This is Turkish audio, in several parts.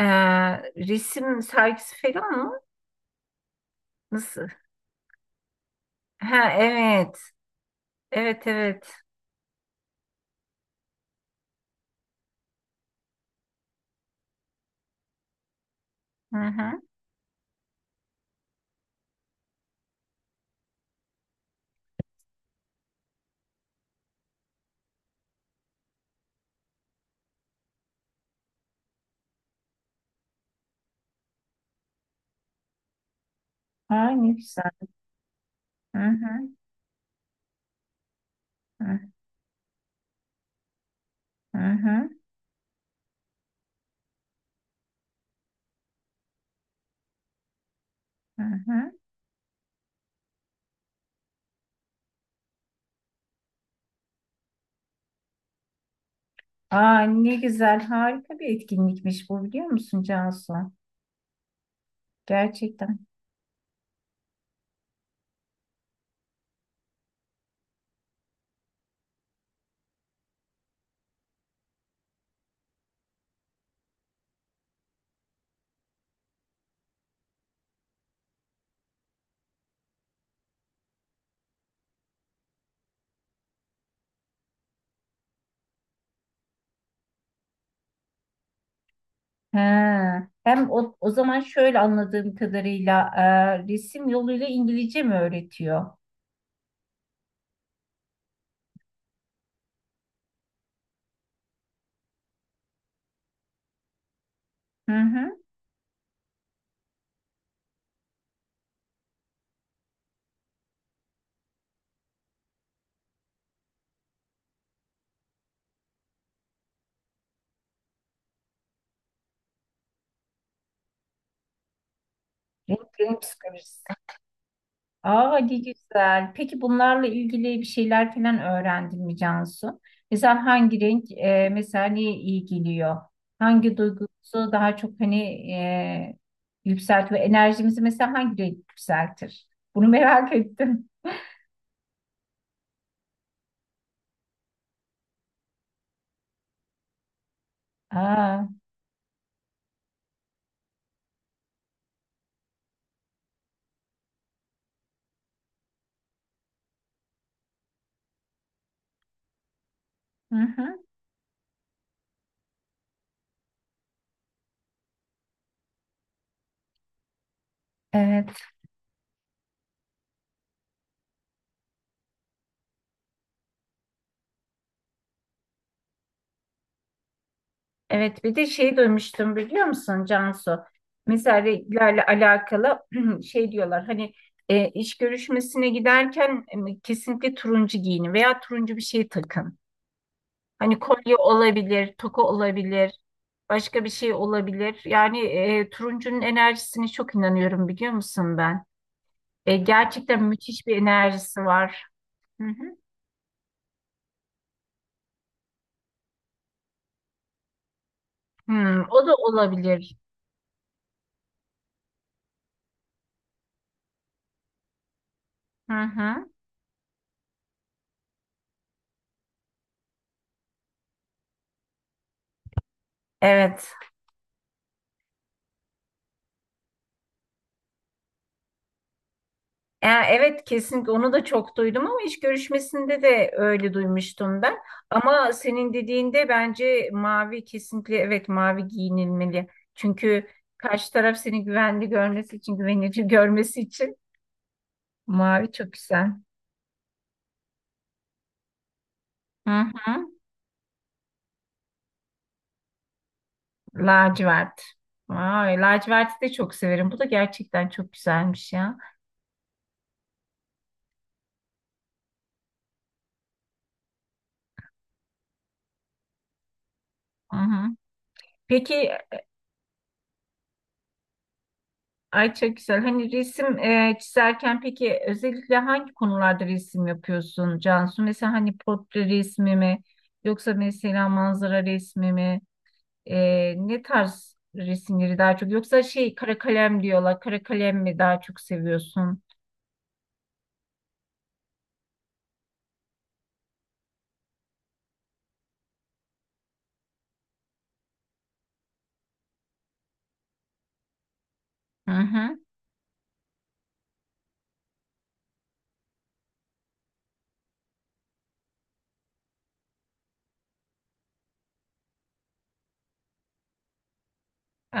Ee, Resim sergisi falan mı? Nasıl? Ha evet. Evet evet. Hı hı. Aa, ne güzel. Hı hı, hı hı, hı hı. Aa, ne güzel. Harika bir etkinlikmiş bu, biliyor musun Cansu? Gerçekten. He. Hem o zaman şöyle anladığım kadarıyla resim yoluyla İngilizce mi öğretiyor? Hı hı. Renklerin psikolojisi. Aa, ne güzel. Peki bunlarla ilgili bir şeyler falan öğrendin mi Cansu? Mesela hangi renk mesela neye iyi geliyor? Hangi duygusu daha çok hani e, yükseltiyor? Enerjimizi mesela hangi renk yükseltir? Bunu merak ettim. Aa, hı hı. Evet. Evet, bir de şey duymuştum, biliyor musun Cansu? Mesela renklerle alakalı şey diyorlar hani iş görüşmesine giderken kesinlikle turuncu giyinin veya turuncu bir şey takın. Hani kolye olabilir, toka olabilir, başka bir şey olabilir. Yani turuncunun enerjisine çok inanıyorum, biliyor musun ben? Gerçekten müthiş bir enerjisi var. Hı hı. Hmm, o da olabilir. Hı hı. Evet. Evet, kesinlikle onu da çok duydum ama iş görüşmesinde de öyle duymuştum ben. Ama senin dediğinde bence mavi, kesinlikle evet, mavi giyinilmeli. Çünkü karşı taraf seni güvenli görmesi için, güvenilir görmesi için. Mavi çok güzel. Hı hı. Lacivert. Vay, laciverti de çok severim. Bu da gerçekten çok güzelmiş ya. Hı hı. Peki, ay çok güzel. Hani resim çizerken peki özellikle hangi konularda resim yapıyorsun Cansu? Mesela hani portre resmi mi yoksa mesela manzara resmi mi? Ne tarz resimleri daha çok, yoksa şey, kara kalem diyorlar. Kara kalem mi daha çok seviyorsun? Hı hı.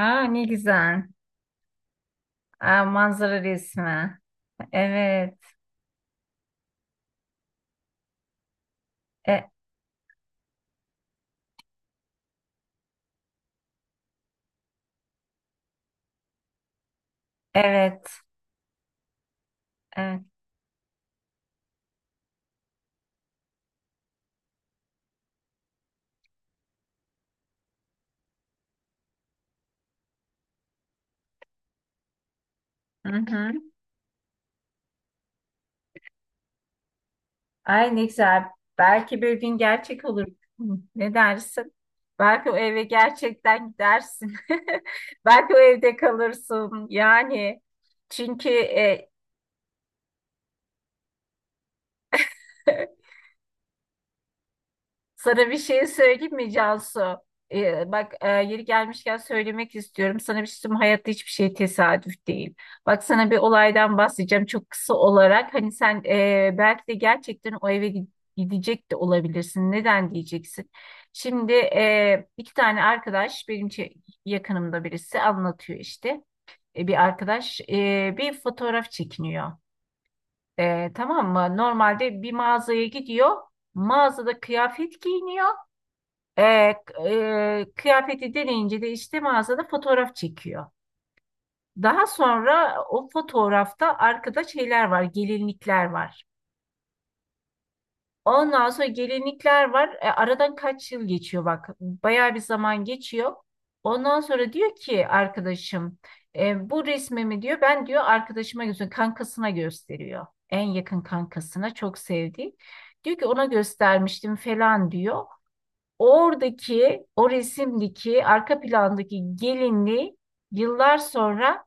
Aa, ne güzel. Aa, manzara resmi. Evet. E, evet. Evet. Hı hı. Ay, ne güzel. Belki bir gün gerçek olur. Hı. Ne dersin? Belki o eve gerçekten gidersin. Belki o evde kalırsın. Yani çünkü sana bir şey söyleyeyim mi Cansu? Bak, yeri gelmişken söylemek istiyorum. Sana bir şey söyleyeyim mi? Hayatta hiçbir şey tesadüf değil. Bak, sana bir olaydan bahsedeceğim çok kısa olarak. Hani sen, belki de gerçekten o eve gidecek de olabilirsin. Neden diyeceksin? Şimdi iki tane arkadaş benim yakınımda birisi anlatıyor işte. Bir arkadaş, bir fotoğraf çekiniyor. Tamam mı? Normalde bir mağazaya gidiyor. Mağazada kıyafet giyiniyor. E, k- Kıyafeti deneyince de işte mağazada fotoğraf çekiyor. Daha sonra o fotoğrafta arkada şeyler var, gelinlikler var. Ondan sonra gelinlikler var. Aradan kaç yıl geçiyor bak. Bayağı bir zaman geçiyor. Ondan sonra diyor ki arkadaşım, bu resmimi diyor ben, diyor, arkadaşıma gösteriyorum. Kankasına gösteriyor. En yakın kankasına, çok sevdiği. Diyor ki ona göstermiştim falan, diyor. Oradaki o resimdeki arka plandaki gelinliği yıllar sonra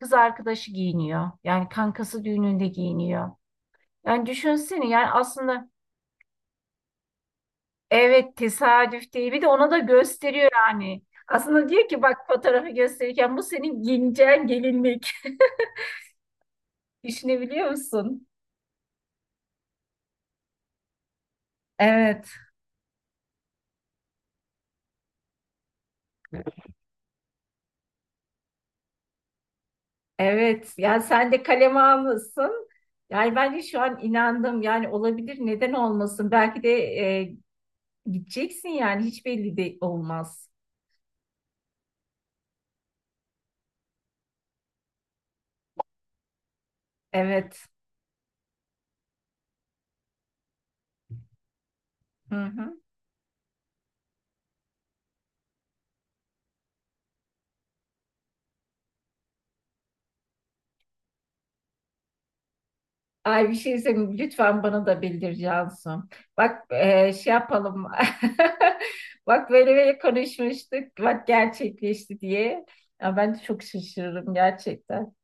kız arkadaşı giyiniyor. Yani kankası düğününde giyiniyor. Yani düşünsene, yani aslında evet, tesadüf değil, bir de ona da gösteriyor yani. Aslında diyor ki bak, fotoğrafı gösterirken, bu senin giyineceğin gelinlik. Düşünebiliyor musun? Evet. Evet. Yani sen de kaleme almışsın. Yani ben de şu an inandım. Yani olabilir. Neden olmasın? Belki de gideceksin, yani hiç belli de olmaz. Evet. Hı hı. Ay, bir şey senin, lütfen bana da bildir Cansu. Bak, şey yapalım. Bak, böyle böyle konuşmuştuk. Bak, gerçekleşti diye. Ya ben de çok şaşırırım gerçekten.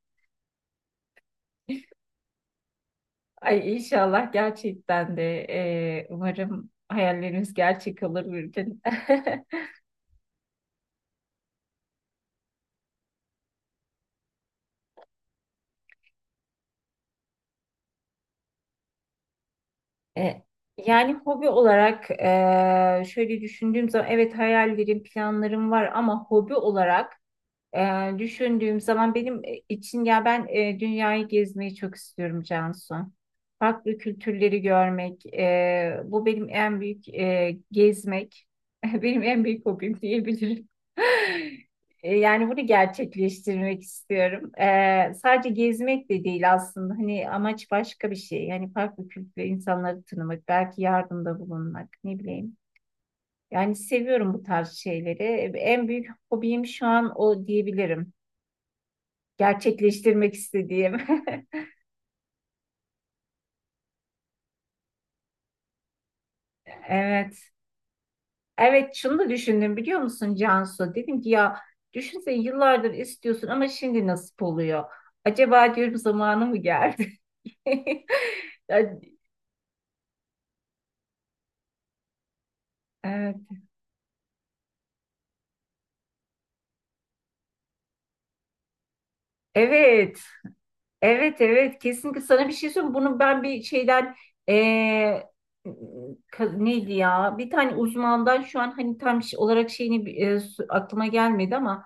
Ay inşallah, gerçekten de umarım hayallerimiz gerçek olur bir gün. E, Yani hobi olarak, şöyle düşündüğüm zaman evet, hayallerim, planlarım var ama hobi olarak... Düşündüğüm zaman benim için, ya ben dünyayı gezmeyi çok istiyorum Cansu. Farklı kültürleri görmek, bu benim en büyük, gezmek, benim en büyük hobim diyebilirim. Yani bunu gerçekleştirmek istiyorum. Sadece gezmek de değil aslında. Hani amaç başka bir şey. Yani farklı kültürlü insanları tanımak, belki yardımda bulunmak, ne bileyim. Yani seviyorum bu tarz şeyleri. En büyük hobim şu an o diyebilirim, gerçekleştirmek istediğim. Evet. Evet, şunu da düşündüm, biliyor musun Cansu? Dedim ki ya, düşünsene, yıllardır istiyorsun ama şimdi nasip oluyor. Acaba diyorum, zamanı mı geldi? Yani... Evet. Evet. Evet evet, kesinlikle sana bir şey söyleyeyim. Bunu ben bir şeyden, eee, neydi ya, bir tane uzmandan, şu an hani tam şey olarak şeyini aklıma gelmedi ama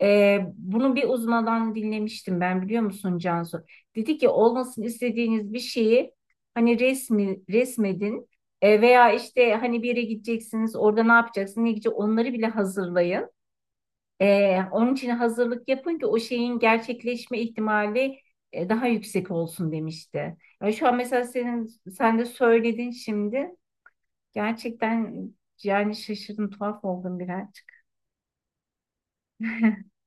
bunu bir uzmandan dinlemiştim ben, biliyor musun Cansu? Dedi ki olmasını istediğiniz bir şeyi hani resmi resmedin. Veya işte hani bir yere gideceksiniz, orada ne yapacaksınız, ne gidecek, onları bile hazırlayın. Onun için hazırlık yapın ki o şeyin gerçekleşme ihtimali daha yüksek olsun, demişti. Yani şu an mesela senin, sen de söyledin şimdi. Gerçekten yani şaşırdım, tuhaf oldum birazcık.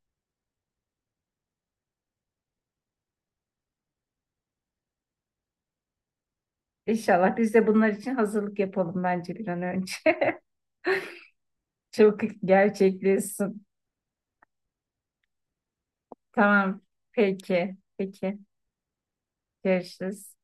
İnşallah biz de bunlar için hazırlık yapalım bence bir an önce. Çok gerçekleşsin. Tamam. Peki. Peki. Görüşürüz.